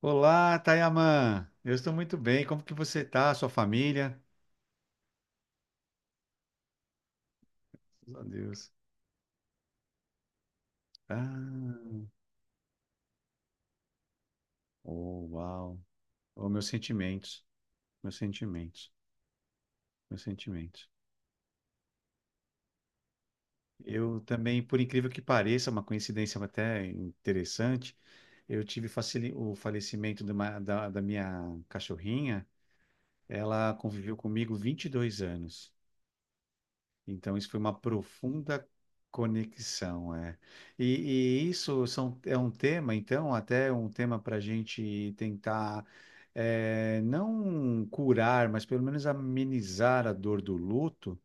Olá, Tayaman. Eu estou muito bem. Como que você está? Sua família? Graças a Deus. Ah, oh, uau. Oh, meus sentimentos, meus sentimentos, meus sentimentos. Eu também, por incrível que pareça, uma coincidência até interessante, eu tive o falecimento da minha cachorrinha. Ela conviveu comigo 22 anos. Então, isso foi uma profunda conexão, é. E, e isso são, é um tema, então, até um tema para a gente tentar, é, não curar, mas pelo menos amenizar a dor do luto,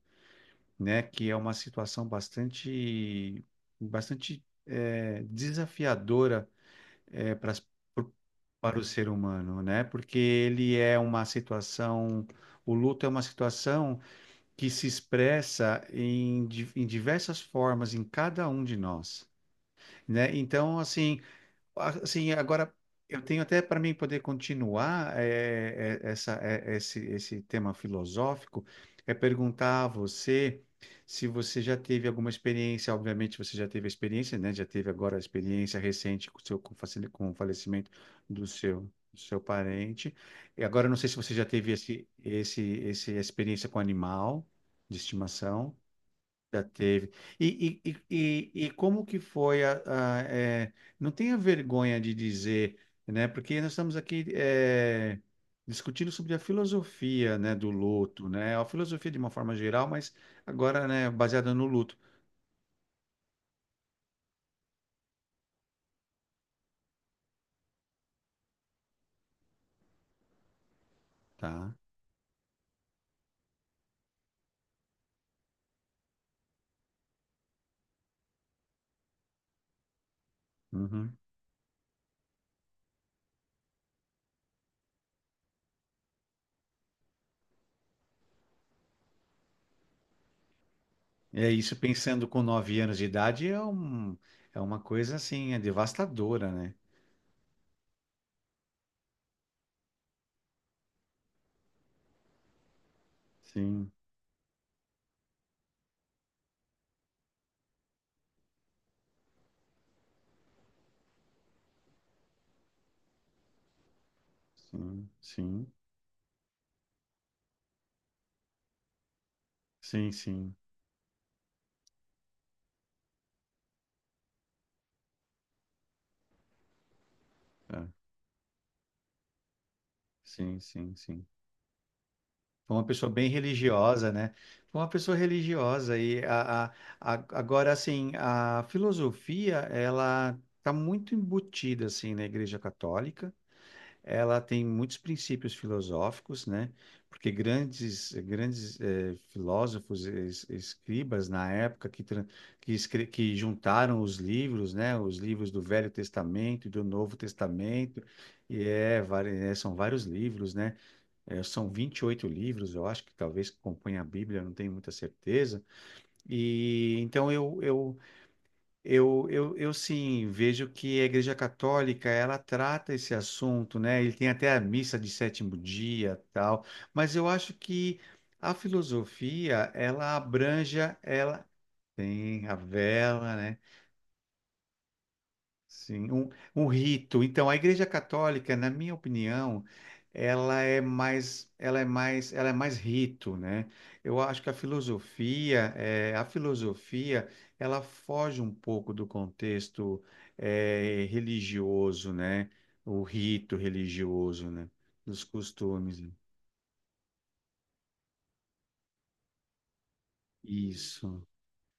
né? Que é uma situação bastante, bastante, é, desafiadora, é, para o ser humano, né? Porque ele é uma situação, o luto é uma situação que se expressa em, em diversas formas em cada um de nós, né? Então, assim, ah, assim, agora eu tenho até para mim poder continuar esse tema filosófico, é perguntar a você se você já teve alguma experiência. Obviamente você já teve a experiência, né? Já teve agora a experiência recente com o falecimento do seu, do seu parente. E agora eu não sei se você já teve esse, experiência com animal de estimação. Já teve. E, e, e, e como que foi é, não tenha vergonha de dizer, né? Porque nós estamos aqui é, discutindo sobre a filosofia, né, do luto, né? A filosofia de uma forma geral, mas agora, né, baseada no luto, tá? Uhum. É isso, pensando com 9 anos de idade é um, é uma coisa assim, é devastadora, né? Sim, sim, sim, sim, sim, tá. Sim, sim, sim. Foi uma pessoa bem religiosa, né? Foi uma pessoa religiosa e agora assim, a filosofia, ela está muito embutida assim na Igreja Católica. Ela tem muitos princípios filosóficos, né? Porque grandes filósofos, escribas na época que tran- que, escre- que juntaram os livros, né? Os livros do Velho Testamento e do Novo Testamento. E são vários livros, né? É, são 28 livros, eu acho que talvez que compõem a Bíblia, eu não tenho muita certeza. E então eu sim vejo que a Igreja Católica, ela trata esse assunto, né? Ele tem até a missa de sétimo dia, tal, mas eu acho que a filosofia, ela abranja, ela tem a vela, né? Sim, um rito. Então, a Igreja Católica, na minha opinião, ela é mais rito, né? Eu acho que a filosofia, ela foge um pouco do contexto, religioso, né? O rito religioso, né? Dos costumes, né? Isso.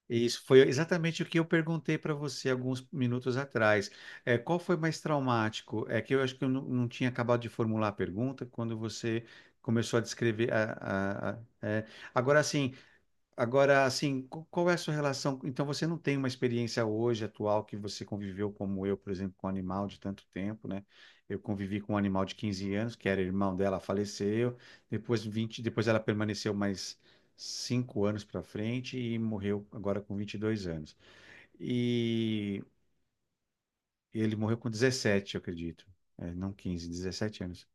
Isso foi exatamente o que eu perguntei para você alguns minutos atrás. É, qual foi mais traumático? É que eu acho que eu não tinha acabado de formular a pergunta quando você começou a descrever. É. Agora, assim, Agora, assim, qual é a sua relação? Então, você não tem uma experiência hoje atual que você conviveu como eu, por exemplo, com um animal de tanto tempo, né? Eu convivi com um animal de 15 anos, que era irmão dela, faleceu. Depois 20 depois ela permaneceu mais 5 anos para frente e morreu agora com 22 anos. E ele morreu com 17 eu acredito. É, não 15 17 anos.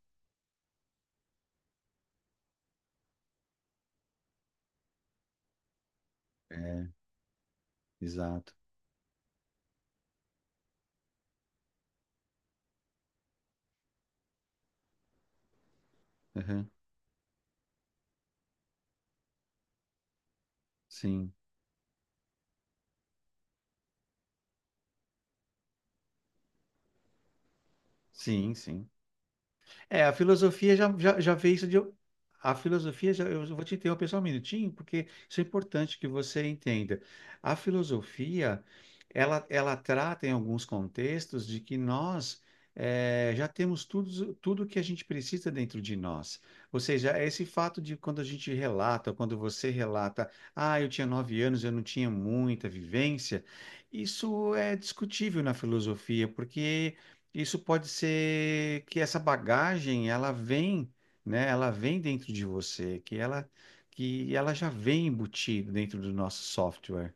É, exato. Aham. Sim, sim, sim. É, a filosofia já vê isso de. A filosofia, já, eu vou te interromper só um minutinho, porque isso é importante que você entenda. A filosofia, ela trata em alguns contextos de que nós já temos tudo, tudo que a gente precisa dentro de nós. Ou seja, esse fato de quando a gente relata, quando você relata, ah, eu tinha 9 anos, eu não tinha muita vivência, isso é discutível na filosofia, porque isso pode ser que essa bagagem ela vem, né? Ela vem dentro de você, que ela já vem embutida dentro do nosso software,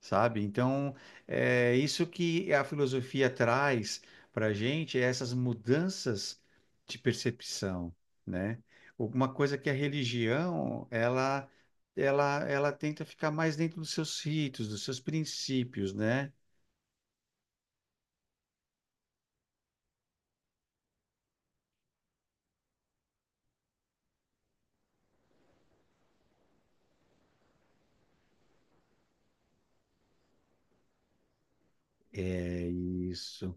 sabe? Então, é isso que a filosofia traz para a gente, é essas mudanças de percepção, né? Uma coisa que a religião, ela tenta ficar mais dentro dos seus ritos, dos seus princípios, né? É isso.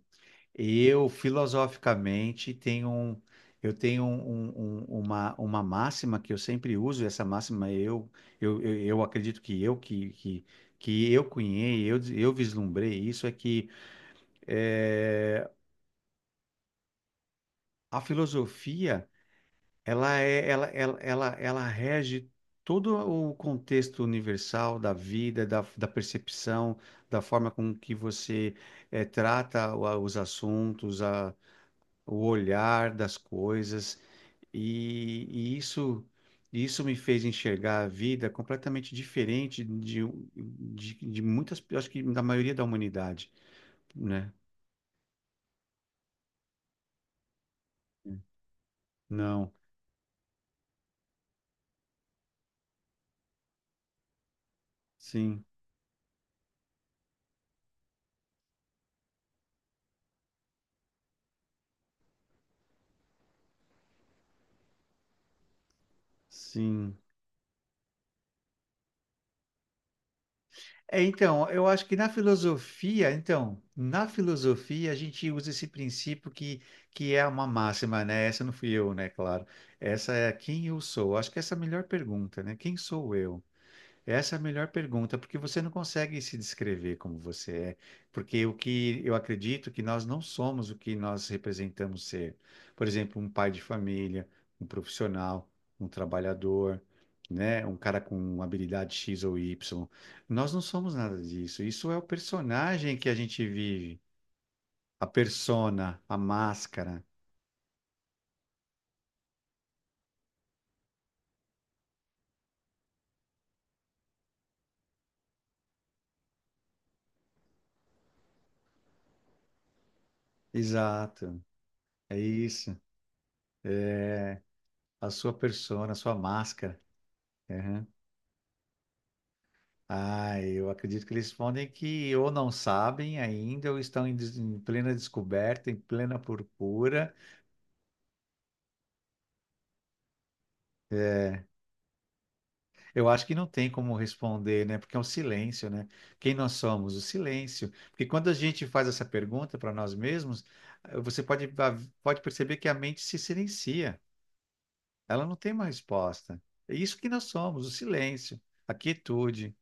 Eu, filosoficamente, eu tenho uma máxima que eu sempre uso. Essa máxima eu, eu acredito que eu que eu cunhei, eu vislumbrei isso, é que eh, a filosofia, ela é, ela rege todo o contexto universal da vida, da percepção, da forma com que você trata os assuntos, a, o olhar das coisas. E, e isso, isso me fez enxergar a vida completamente diferente de, de muitas, eu acho que da maioria da humanidade, né? Não, sim, sim. É, então, eu acho que na filosofia, então, na filosofia a gente usa esse princípio que, é uma máxima, né? Essa não fui eu, né? Claro. Essa é quem eu sou. Acho que essa é a melhor pergunta, né? Quem sou eu? Essa é a melhor pergunta, porque você não consegue se descrever como você é, porque o que eu acredito que nós não somos o que nós representamos ser. Por exemplo, um pai de família, um profissional, um trabalhador, né, um cara com uma habilidade X ou Y. Nós não somos nada disso. Isso é o personagem que a gente vive, a persona, a máscara. Exato. É isso. A sua persona, a sua máscara. Ah, eu acredito que eles respondem que ou não sabem ainda, ou estão em, em plena descoberta, em plena procura. É, eu acho que não tem como responder, né? Porque é um silêncio, né? Quem nós somos? O silêncio. Porque quando a gente faz essa pergunta para nós mesmos, você pode, pode perceber que a mente se silencia. Ela não tem uma resposta. É isso que nós somos, o silêncio, a quietude.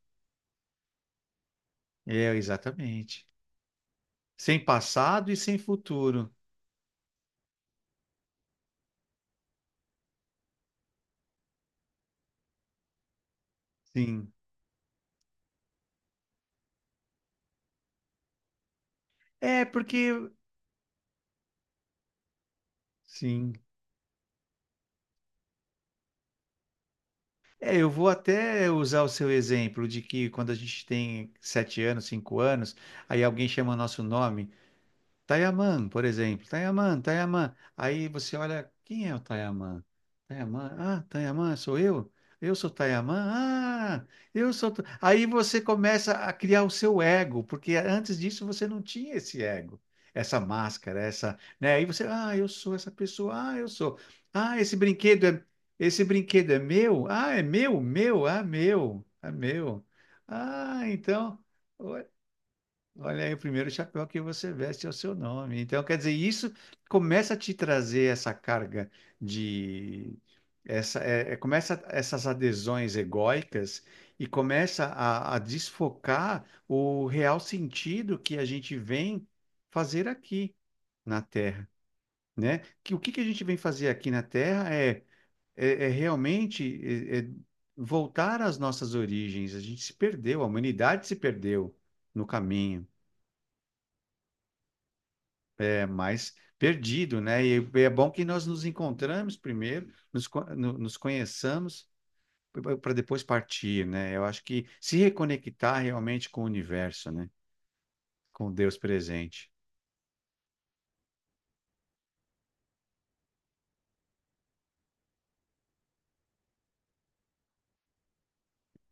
É, exatamente. Sem passado e sem futuro. Sim. É, porque sim. É, eu vou até usar o seu exemplo de que quando a gente tem 7 anos, 5 anos, aí alguém chama nosso nome. Tayaman, por exemplo. Tayaman, Tayaman. Aí você olha, quem é o Tayaman? Tayaman, ah, Tayaman, sou eu? Eu sou Tayaman? Ah, eu sou. Ta-" Aí você começa a criar o seu ego, porque antes disso você não tinha esse ego, essa máscara, essa, né? Aí você, ah, eu sou essa pessoa, ah, eu sou. Ah, esse brinquedo é meu? Ah, é meu, meu, ah, meu, ah, meu. Ah, então. Olha aí, o primeiro chapéu que você veste é o seu nome. Então, quer dizer, isso começa a te trazer essa carga de começa essas adesões egóicas e começa a desfocar o real sentido que a gente vem fazer aqui na Terra, né? Que o que que a gente vem fazer aqui na Terra é é realmente é voltar às nossas origens. A gente se perdeu, a humanidade se perdeu no caminho. É, mais perdido, né? E é bom que nós nos encontramos primeiro, nos, co- no- nos conheçamos para depois partir, né? Eu acho que se reconectar realmente com o universo, né? Com Deus presente.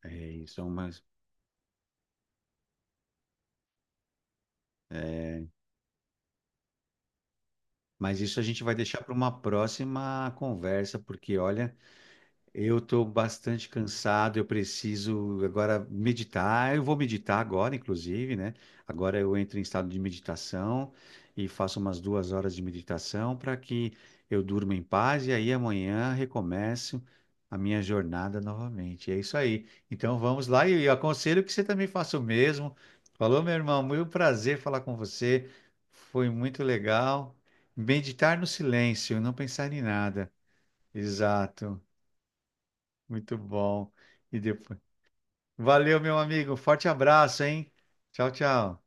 É isso, é, mas isso a gente vai deixar para uma próxima conversa, porque olha, eu estou bastante cansado. Eu preciso agora meditar. Eu vou meditar agora, inclusive, né? Agora eu entro em estado de meditação e faço umas 2 horas de meditação para que eu durma em paz e aí amanhã recomeço a minha jornada novamente. É isso aí. Então vamos lá e eu aconselho que você também faça o mesmo. Falou, meu irmão, muito prazer falar com você. Foi muito legal. Meditar no silêncio, não pensar em nada. Exato. Muito bom. E depois. Valeu, meu amigo. Forte abraço, hein? Tchau, tchau.